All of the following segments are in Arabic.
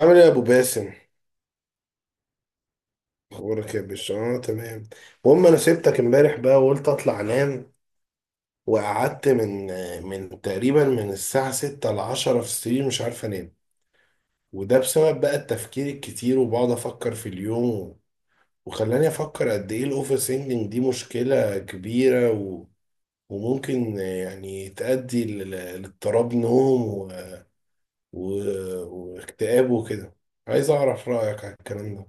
عامل ايه يا ابو باسم؟ اخبارك يا باشا؟ اه، تمام. المهم، انا سبتك امبارح بقى وقلت اطلع انام. وقعدت من تقريبا من الساعه 6 ل 10 في السرير مش عارف انام. وده بسبب بقى التفكير الكتير، وبقعد افكر في اليوم. وخلاني افكر قد ايه الاوفر سينجنج دي مشكله كبيره، وممكن يعني لاضطراب نوم، و... واكتئاب وكده. عايز اعرف رايك على الكلام ده.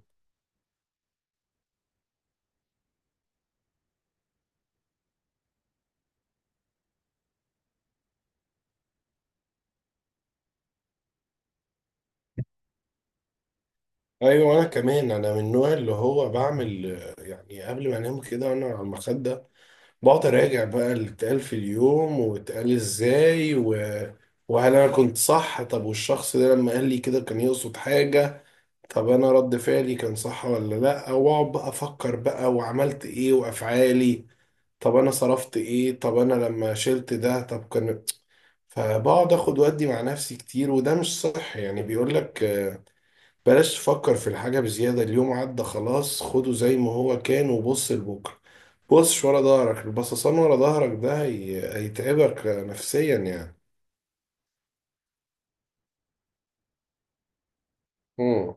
ايوه، انا كمان انا من النوع اللي هو بعمل يعني قبل ما انام كده انا على المخده بقعد اراجع بقى اللي اتقال في اليوم واتقال ازاي، وهل انا كنت صح؟ طب والشخص ده لما قال لي كده كان يقصد حاجه؟ طب انا رد فعلي كان صح ولا لا؟ واقعد بقى افكر بقى، وعملت ايه وافعالي؟ طب انا صرفت ايه؟ طب انا لما شلت ده؟ طب كان، فبقعد اخد ودي مع نفسي كتير. وده مش صح، يعني بيقول لك بلاش تفكر في الحاجة بزيادة، اليوم عدى خلاص، خده زي ما هو كان وبص لبكرة. بصش ورا ظهرك، البصصان ورا ظهرك ده هيتعبك نفسيا يعني. امم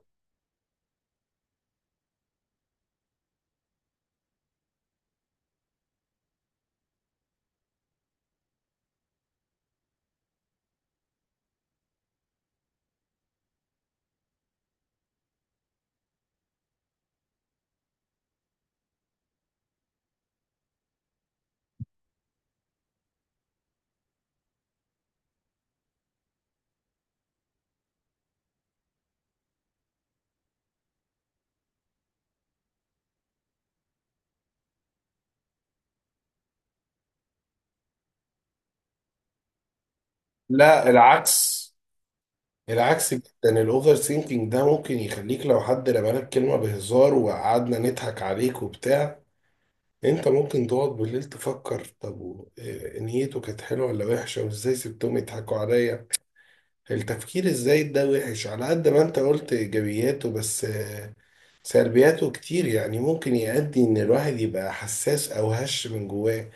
لا، العكس. العكس جدا. الاوفر ثينكينج ده ممكن يخليك لو حد رمالك كلمة بهزار وقعدنا نضحك عليك وبتاع، انت ممكن تقعد بالليل تفكر، إيه نيته؟ كانت حلوة ولا وحشة؟ وازاي سبتهم يضحكوا عليا؟ التفكير الزايد ده وحش. على قد ما انت قلت ايجابياته، بس سلبياته كتير. يعني ممكن يؤدي ان الواحد يبقى حساس او هش من جواه.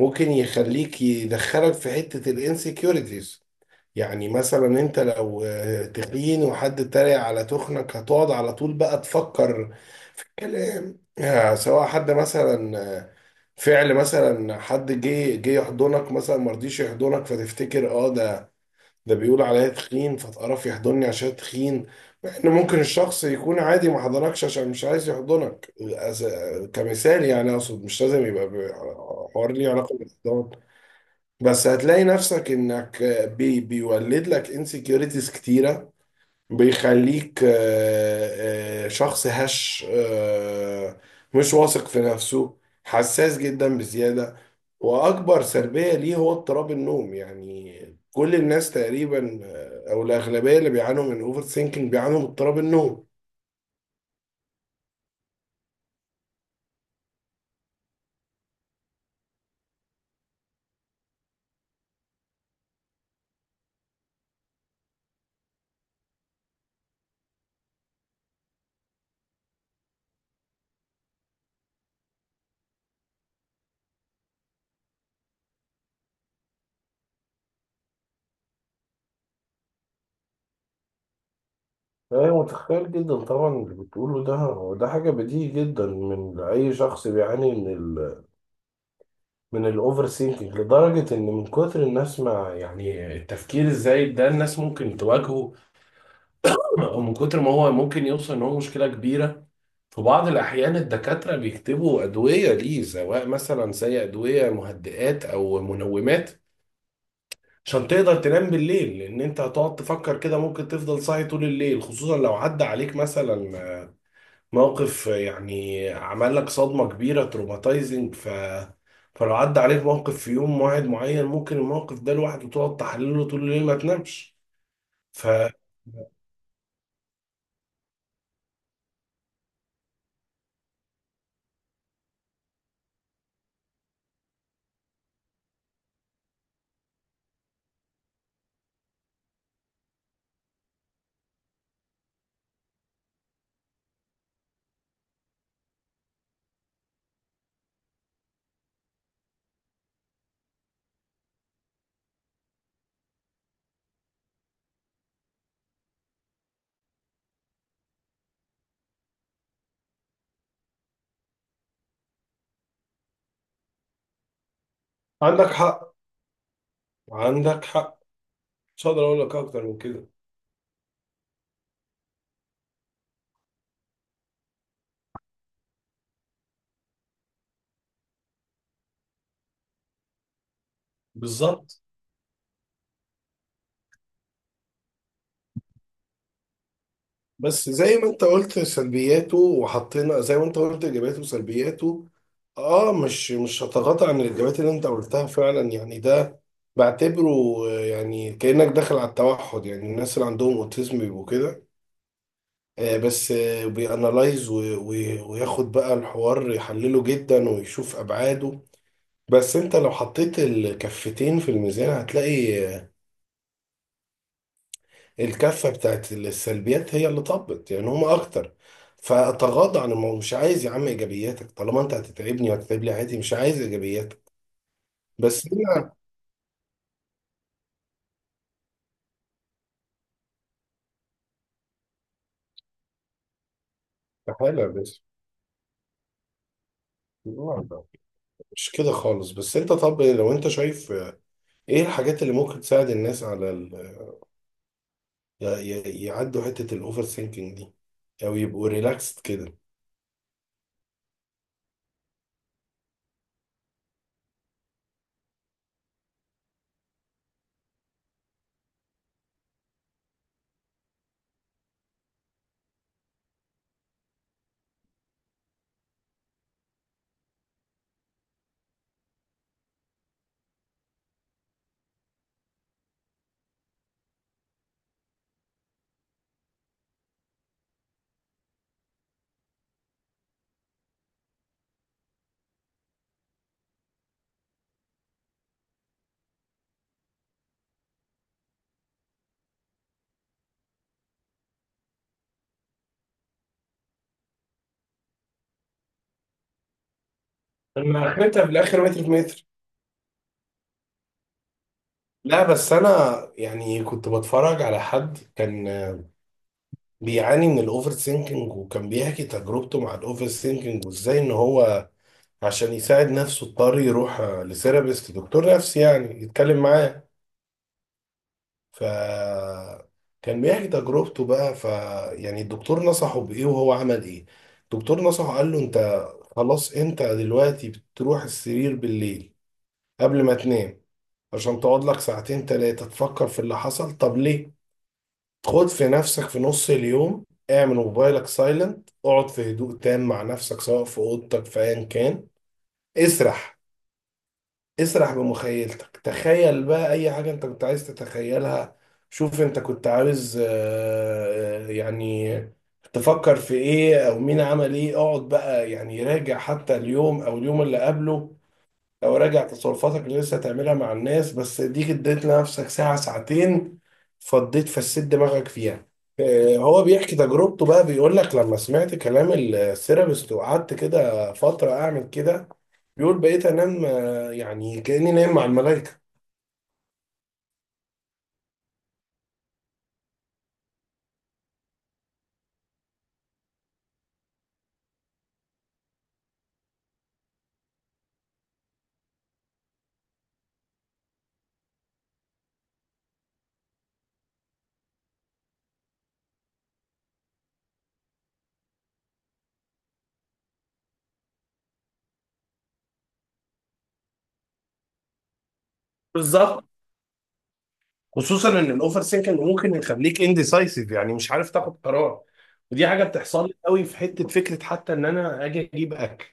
ممكن يخليك يدخلك في حتة الانسكيورتيز. يعني مثلا انت لو تخين وحد اتريق على تخنك هتقعد على طول بقى تفكر في الكلام. سواء حد مثلا فعل مثلا، حد جه يحضنك مثلا مرضيش يحضنك، فتفتكر اه، ده بيقول عليا تخين فتقرف يحضني عشان تخين. مع ان ممكن الشخص يكون عادي ما حضنكش عشان مش عايز يحضنك. كمثال يعني، اقصد مش لازم يبقى حوار ليه علاقة بالاحضان. بس هتلاقي نفسك انك بيولد لك انسكيورتيز كتيرة، بيخليك شخص هش، مش واثق في نفسه، حساس جدا بزيادة. وأكبر سلبية ليه هو اضطراب النوم. يعني كل الناس تقريبا، أو الأغلبية اللي بيعانوا من أوفر ثينكينج بيعانوا من اضطراب النوم. أيوة، متخيل جدا طبعا. اللي بتقوله ده هو ده حاجة بديهي جدا من أي شخص بيعاني من من الأوفر سينكينج. لدرجة إن من كتر الناس ما يعني التفكير الزايد ده الناس ممكن تواجهه، من كتر ما هو ممكن يوصل ان هو مشكله كبيره. في بعض الاحيان الدكاتره بيكتبوا ادويه ليه، سواء مثلا زي ادويه مهدئات او منومات، عشان تقدر تنام بالليل، لان انت هتقعد تفكر كده ممكن تفضل صاحي طول الليل. خصوصا لو عدى عليك مثلا موقف يعني عمل لك صدمه كبيره تروماتايزنج، فلو عدى عليك موقف في يوم واحد معين، ممكن الموقف ده لوحده تقعد تحلله طول الليل ما تنامش. ف عندك حق. عندك حق. مش هقدر اقول لك اكتر من كده. بالظبط. بس زي ما انت قلت سلبياته وحطينا زي ما انت قلت ايجابياته وسلبياته، اه، مش مش هتغاضى عن الايجابيات اللي انت قلتها فعلا. يعني ده بعتبره يعني كانك داخل على التوحد. يعني الناس اللي عندهم اوتيزم بيبقوا كده، آه، بس آه بيانالايز وياخد بقى الحوار يحلله جدا ويشوف ابعاده. بس انت لو حطيت الكفتين في الميزان هتلاقي الكفة بتاعت السلبيات هي اللي طبت، يعني هما أكتر. فأتغاضى عن الموضوع، مش عايز يا عم إيجابياتك. طالما أنت هتتعبني وهتتعب لي، عادي، مش عايز إيجابياتك. بس هي حالة، بس لا. لا، مش كده خالص. بس أنت طب لو أنت شايف إيه الحاجات اللي ممكن تساعد الناس على يعدوا حتة الأوفر ثينكينج دي، أو يبقوا ريلاكسد كده؟ أنا آخرتها في الآخر متر في متر. لا بس أنا يعني كنت بتفرج على حد كان بيعاني من الاوفر ثينكينج، وكان بيحكي تجربته مع الاوفر ثينكينج، وازاي ان هو عشان يساعد نفسه اضطر يروح لثيرابيست، دكتور نفسي يعني يتكلم معاه. ف كان بيحكي تجربته بقى، يعني الدكتور نصحه بايه وهو عمل ايه. الدكتور نصحه قال له، انت خلاص انت دلوقتي بتروح السرير بالليل قبل ما تنام عشان تقعد لك ساعتين تلاتة تفكر في اللي حصل، طب ليه؟ خد في نفسك في نص اليوم، اعمل موبايلك سايلنت، اقعد في هدوء تام مع نفسك سواء في اوضتك في ايا كان، اسرح. اسرح بمخيلتك، تخيل بقى اي حاجة انت كنت عايز تتخيلها. شوف انت كنت عاوز يعني تفكر في ايه، او مين عمل ايه. اقعد بقى يعني راجع حتى اليوم او اليوم اللي قبله، لو راجع تصرفاتك اللي لسه هتعملها مع الناس، بس دي اديت لنفسك ساعة ساعتين فضيت فسيت دماغك فيها. هو بيحكي تجربته بقى بيقول لك، لما سمعت كلام الثيرابيست وقعدت كده فترة أعمل كده، بيقول بقيت أنام يعني كأني نايم مع الملائكة. بالظبط. خصوصا ان الاوفر سينكينج ممكن يخليك انديسايسيف، يعني مش عارف تاخد قرار. ودي حاجه بتحصل لي قوي في حته فكره حتى ان انا اجي اجيب اكل.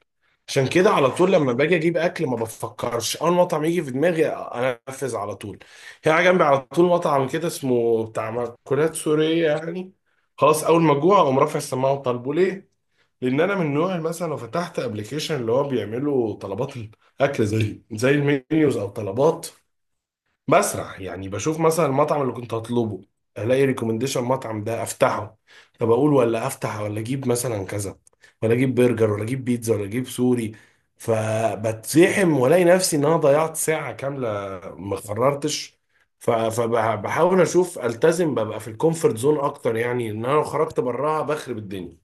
عشان كده على طول لما باجي اجيب اكل ما بفكرش، اول مطعم يجي في دماغي انفذ على طول. هنا جنبي على طول مطعم كده اسمه بتاع مأكولات سوريه يعني، خلاص اول ما جوع اقوم رافع السماعه وطالبه. ليه؟ لان انا من نوع مثلا لو فتحت ابلكيشن اللي هو بيعملوا طلبات الاكل زي المنيوز او طلبات، بسرح، يعني بشوف مثلا المطعم اللي كنت هطلبه، الاقي ريكومنديشن المطعم ده افتحه. طب اقول ولا افتح؟ ولا اجيب مثلا كذا؟ ولا اجيب برجر ولا اجيب بيتزا ولا اجيب سوري؟ فبتزحم والاقي نفسي ان انا ضيعت ساعة كاملة ما قررتش. فبحاول اشوف التزم ببقى في الكومفورت زون اكتر، يعني ان انا لو خرجت براها بخرب الدنيا.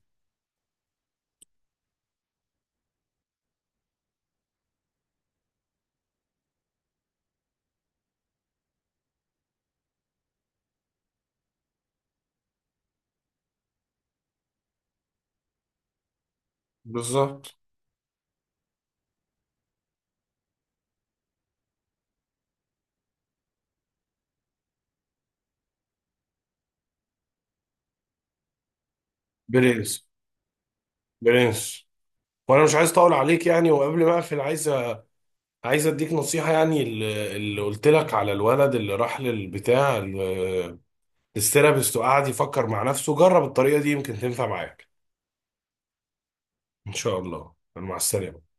بالظبط. برنس. برنس. وانا مش عايز اطول عليك يعني، وقبل ما اقفل عايز عايز اديك نصيحة، يعني اللي قلت لك على الولد اللي راح الثيرابيست وقعد يفكر مع نفسه، جرب الطريقة دي يمكن تنفع معاك. ان شاء الله. مع السلامة.